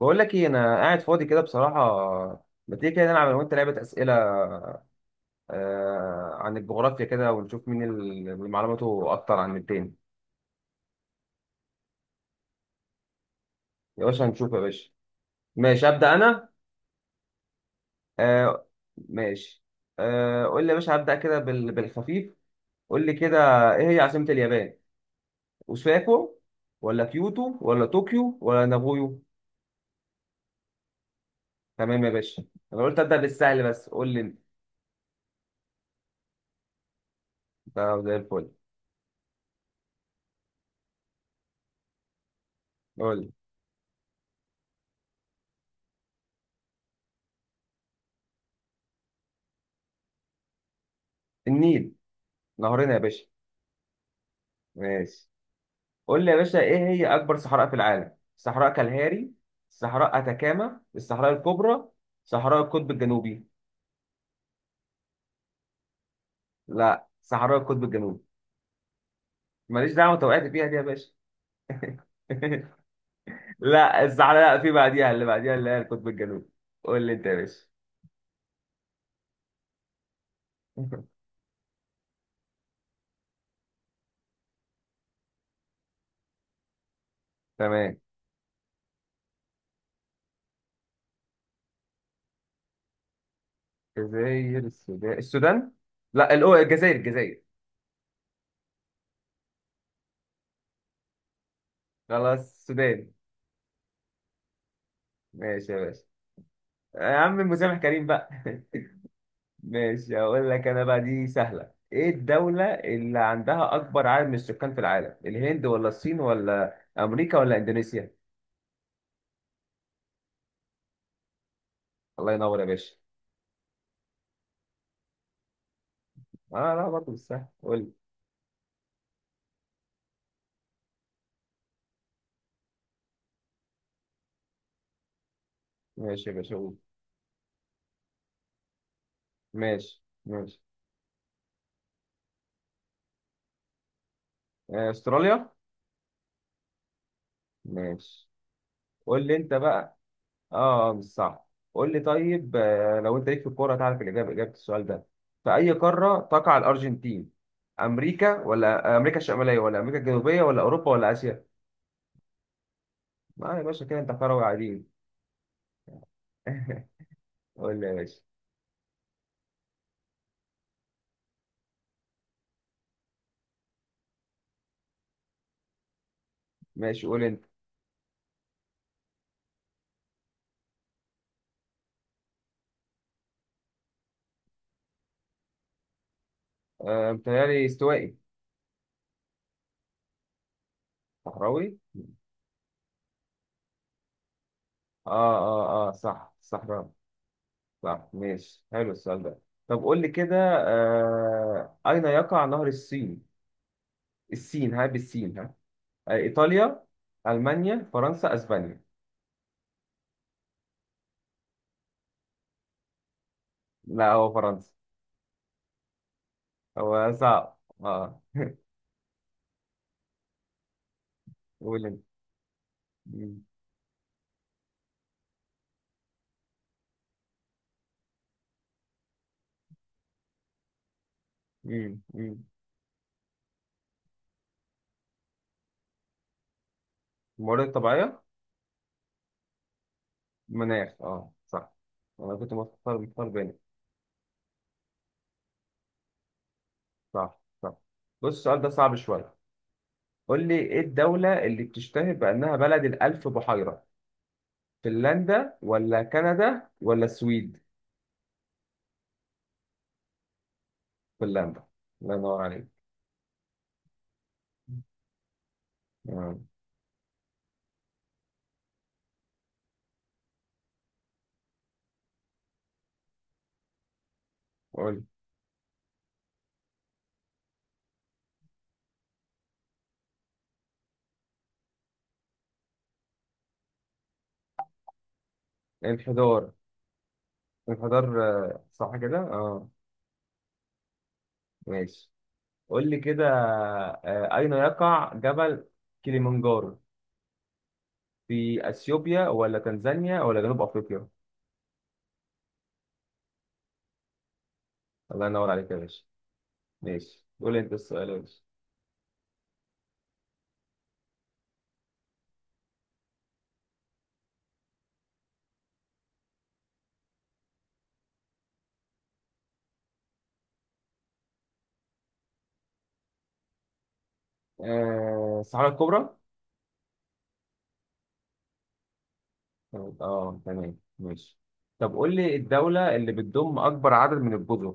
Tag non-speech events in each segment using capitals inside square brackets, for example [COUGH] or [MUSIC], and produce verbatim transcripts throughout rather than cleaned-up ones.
بقول لك ايه، انا قاعد فاضي كده بصراحه. ما تيجي كده نلعب انا وانت لعبه اسئله، آه، عن الجغرافيا كده ونشوف مين ال- اللي معلوماته اكتر عن التاني. يا باشا هنشوف يا باشا. ماشي ابدا انا. آه. ماشي. آه، قول لي يا باشا، هبدا كده بال- بالخفيف. قول لي كده. ايه هي عاصمه اليابان؟ اوساكو ولا كيوتو ولا طوكيو ولا نابويو؟ تمام يا باشا. انا قلت ابدا بالسهل، بس قول لي انت. طب زي الفل. قول لي. النيل، نهرنا يا باشا. ماشي. قول لي يا باشا، ايه هي اكبر صحراء في العالم؟ صحراء كالهاري، صحراء اتاكاما، الصحراء الكبرى، صحراء القطب الجنوبي؟ لا، صحراء القطب الجنوبي. ماليش دعوه، انت وقعت فيها دي يا باشا. [LAUGHS] لا الصحراء لا، في بعديها اللي بعديها اللي هي القطب الجنوبي. قول لي انت يا باشا. [LAUGHS] تمام. الجزائر، السودان، السودان، لا الأو- الجزائر، الجزائر. خلاص، السودان. ماشي يا باشا. يا عم مسامح كريم بقى. [LAUGHS] ماشي، هقول لك انا بقى، دي سهله. ايه الدوله اللي عندها اكبر عدد من السكان في العالم؟ الهند ولا الصين ولا امريكا ولا اندونيسيا؟ الله ينور يا باشا. اه، لا، برضه مش سهل، قول لي. ماشي يا باشا، قول. ماشي، ماشي. آه، استراليا. ماشي، قول لي انت بقى. اه، آه، مش صح. قول لي طيب، آه، لو انت ليك في الكوره هتعرف الاجابه اجابه السؤال ده. في اي قاره تقع الارجنتين؟ امريكا ولا آه، امريكا الشماليه ولا امريكا الجنوبيه ولا اوروبا ولا اسيا؟ ما يا باشا كده انت كروي عادي. [LAUGHS] قول لي يا باشا. ماشي، قول انت. آه متهيألي استوائي. صحراوي. اه، اه، اه، صح، صحراوي. صح، ماشي، حلو السؤال ده. طب قول لي كده. آه أين يقع نهر السين؟ السين ها، بالسين ها. آه إيطاليا، ألمانيا، فرنسا، أسبانيا؟ لا، هو فرنسا. هو صعب اه. [LAUGHS] قول انت. مم، مم، مم. الموارد الطبيعية. مناخ، اه صح. انا كنت مختار مختار بينك. صح، صح. بص، السؤال ده صعب شوية. قول لي، ايه الدولة اللي بتشتهر بأنها بلد الألف بحيرة؟ فنلندا ولا كندا ولا السويد؟ فنلندا. الله ينور عليك. آه، قول لي. الحضار الحضار. آه، صح كده؟ اه. ماشي. قول لي كده. آه، أين يقع جبل كليمنجارو؟ في أثيوبيا ولا تنزانيا ولا جنوب أفريقيا؟ الله ينور عليك يا باشا. ماشي، قول لي أنت السؤال يا باشا. آه، الصحراء الكبرى. طب اه، تمام، ماشي. طب قول لي، الدولة اللي بتضم أكبر عدد من الجزر.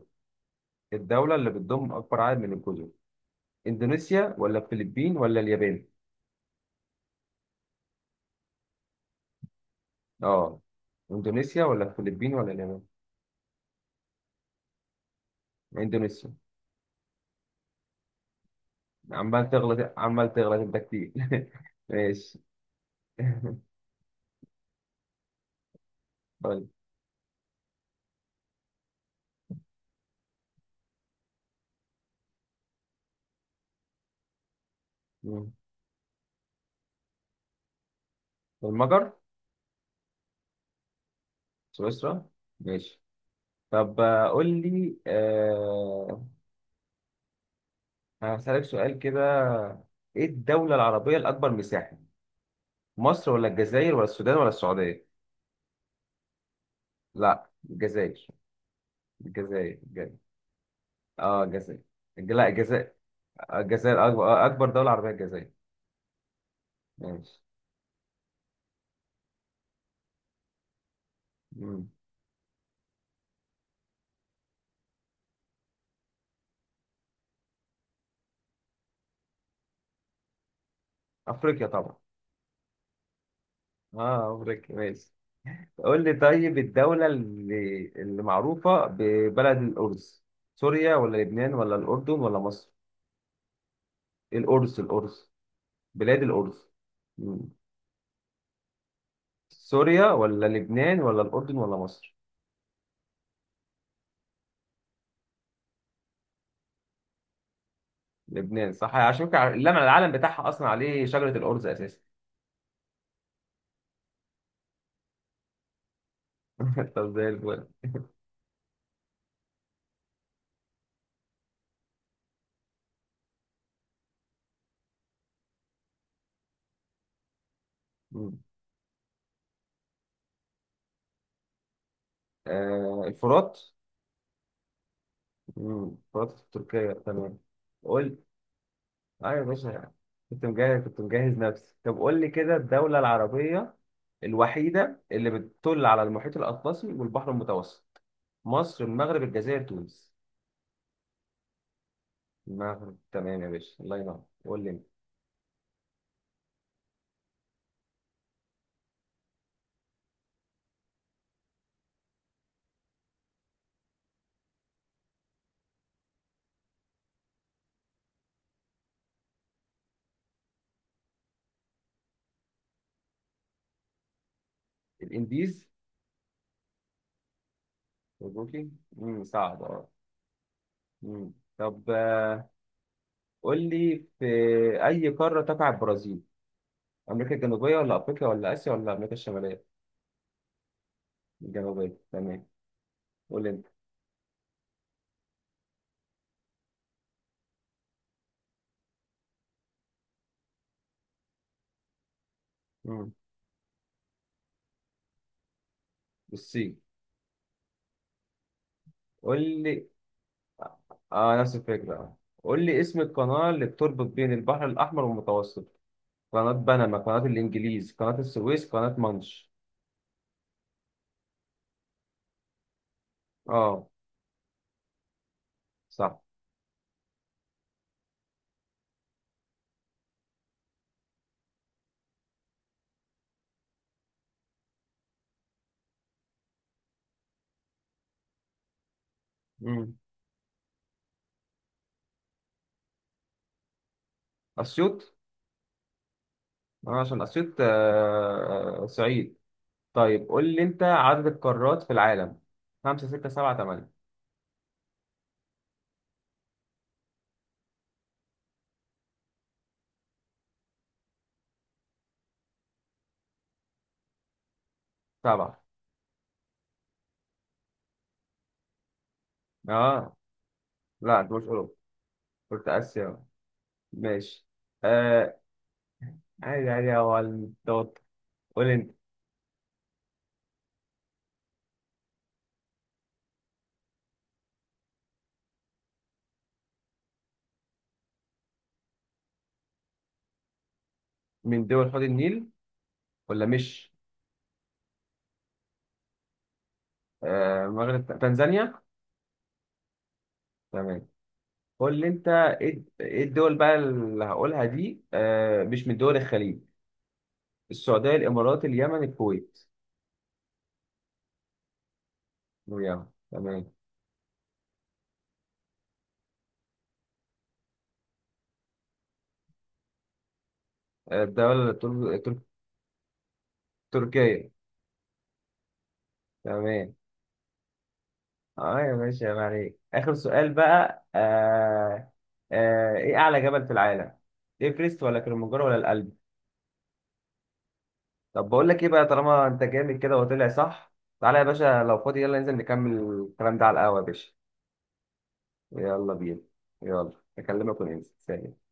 الدولة اللي بتضم أكبر عدد من الجزر. إندونيسيا ولا الفلبين ولا اليابان؟ اه. إندونيسيا ولا الفلبين ولا اليابان؟ إندونيسيا. عمال تغلط عمال تغلط أنت كتير. [LAUGHS] ماشي. [LAUGHS] طيب. مم. المجر. سويسرا. ماشي. طب آه، قول لي أه... هسألك سؤال كده. إيه الدولة العربية الأكبر مساحة؟ مصر ولا الجزائر ولا السودان ولا السعودية؟ لا، الجزائر. الجزائر، الجزائر. اه، الجزائر. الج- لا، الجزائر. الجزائر، اكبر اكبر دولة عربية، الجزائر. ماشي. مم. افريقيا طبعا. اه، افريقيا، ماشي. قول لي طيب، الدولة اللي اللي معروفة ببلد الأرز. سوريا ولا لبنان ولا الأردن ولا مصر؟ الأرز، الأرز. بلاد الأرز. مم. سوريا ولا لبنان ولا الأردن ولا مصر؟ لبنان صح، عشان كده اللمع العلم بتاعها أصلا عليه شجرة الأرز أساسا. [LAUGHS] طب زي الفل. آه الفرات. مم، الفرات في تركيا، تمام. قول. اه يا باشا. كنت مجهز كنت مجهز نفسي. طب قول لي كده، الدولة العربية الوحيدة اللي بتطل على المحيط الأطلسي والبحر المتوسط. مصر، المغرب، الجزائر، تونس؟ المغرب تمام يا باشا، الله ينور، قول لي انت. الإنديز. مبروكي. امم صعب اه. مم. طب، آه، قول لي في أي قارة تقع البرازيل؟ أمريكا الجنوبية ولا أفريقيا ولا آسيا ولا أمريكا الشمالية؟ الجنوبية، تمام. قول لي انت. مم. بصي. قول لي، اه، نفس الفكرة، اه. قول لي اسم القناة اللي بتربط بين البحر الأحمر والمتوسط. قناة بنما، قناة الإنجليز، قناة السويس، قناة مانش؟ اه، صح. مم. أسيوط. آه، عشان أسيوط، آه آه، صعيد. طيب قول لي أنت عدد القارات في العالم. خمسة، ستة، سبعة، تمانية؟ سبعة. اه، لا، أنت مش أوروبا، قلت آسيا. ماشي. آه. عادي عادي، هو التوتر. قول لي أنت. من دول حوض النيل ولا مش؟ آه، المغرب، تنزانيا. تمام. قول لي انت، ايه إيه الدول بقى اللي هقولها دي، آه، مش من دول الخليج. السعودية، الامارات، اليمن، الكويت؟ اليمن، تمام. آه، الدولة التر- التر- تركيا، تمام. اه يا باشا، يا عليك، اخر سؤال بقى آه. آه ايه اعلى جبل في العالم؟ ايفرست ولا كليمنجارو ولا الألب؟ طب بقول لك ايه بقى، طالما انت جامد كده وطلع صح. تعالى يا باشا لو فاضي، يلا ننزل نكمل الكلام ده على القهوة يا باشا. يلا بينا. يلا. اكلمك وننزل، سلام.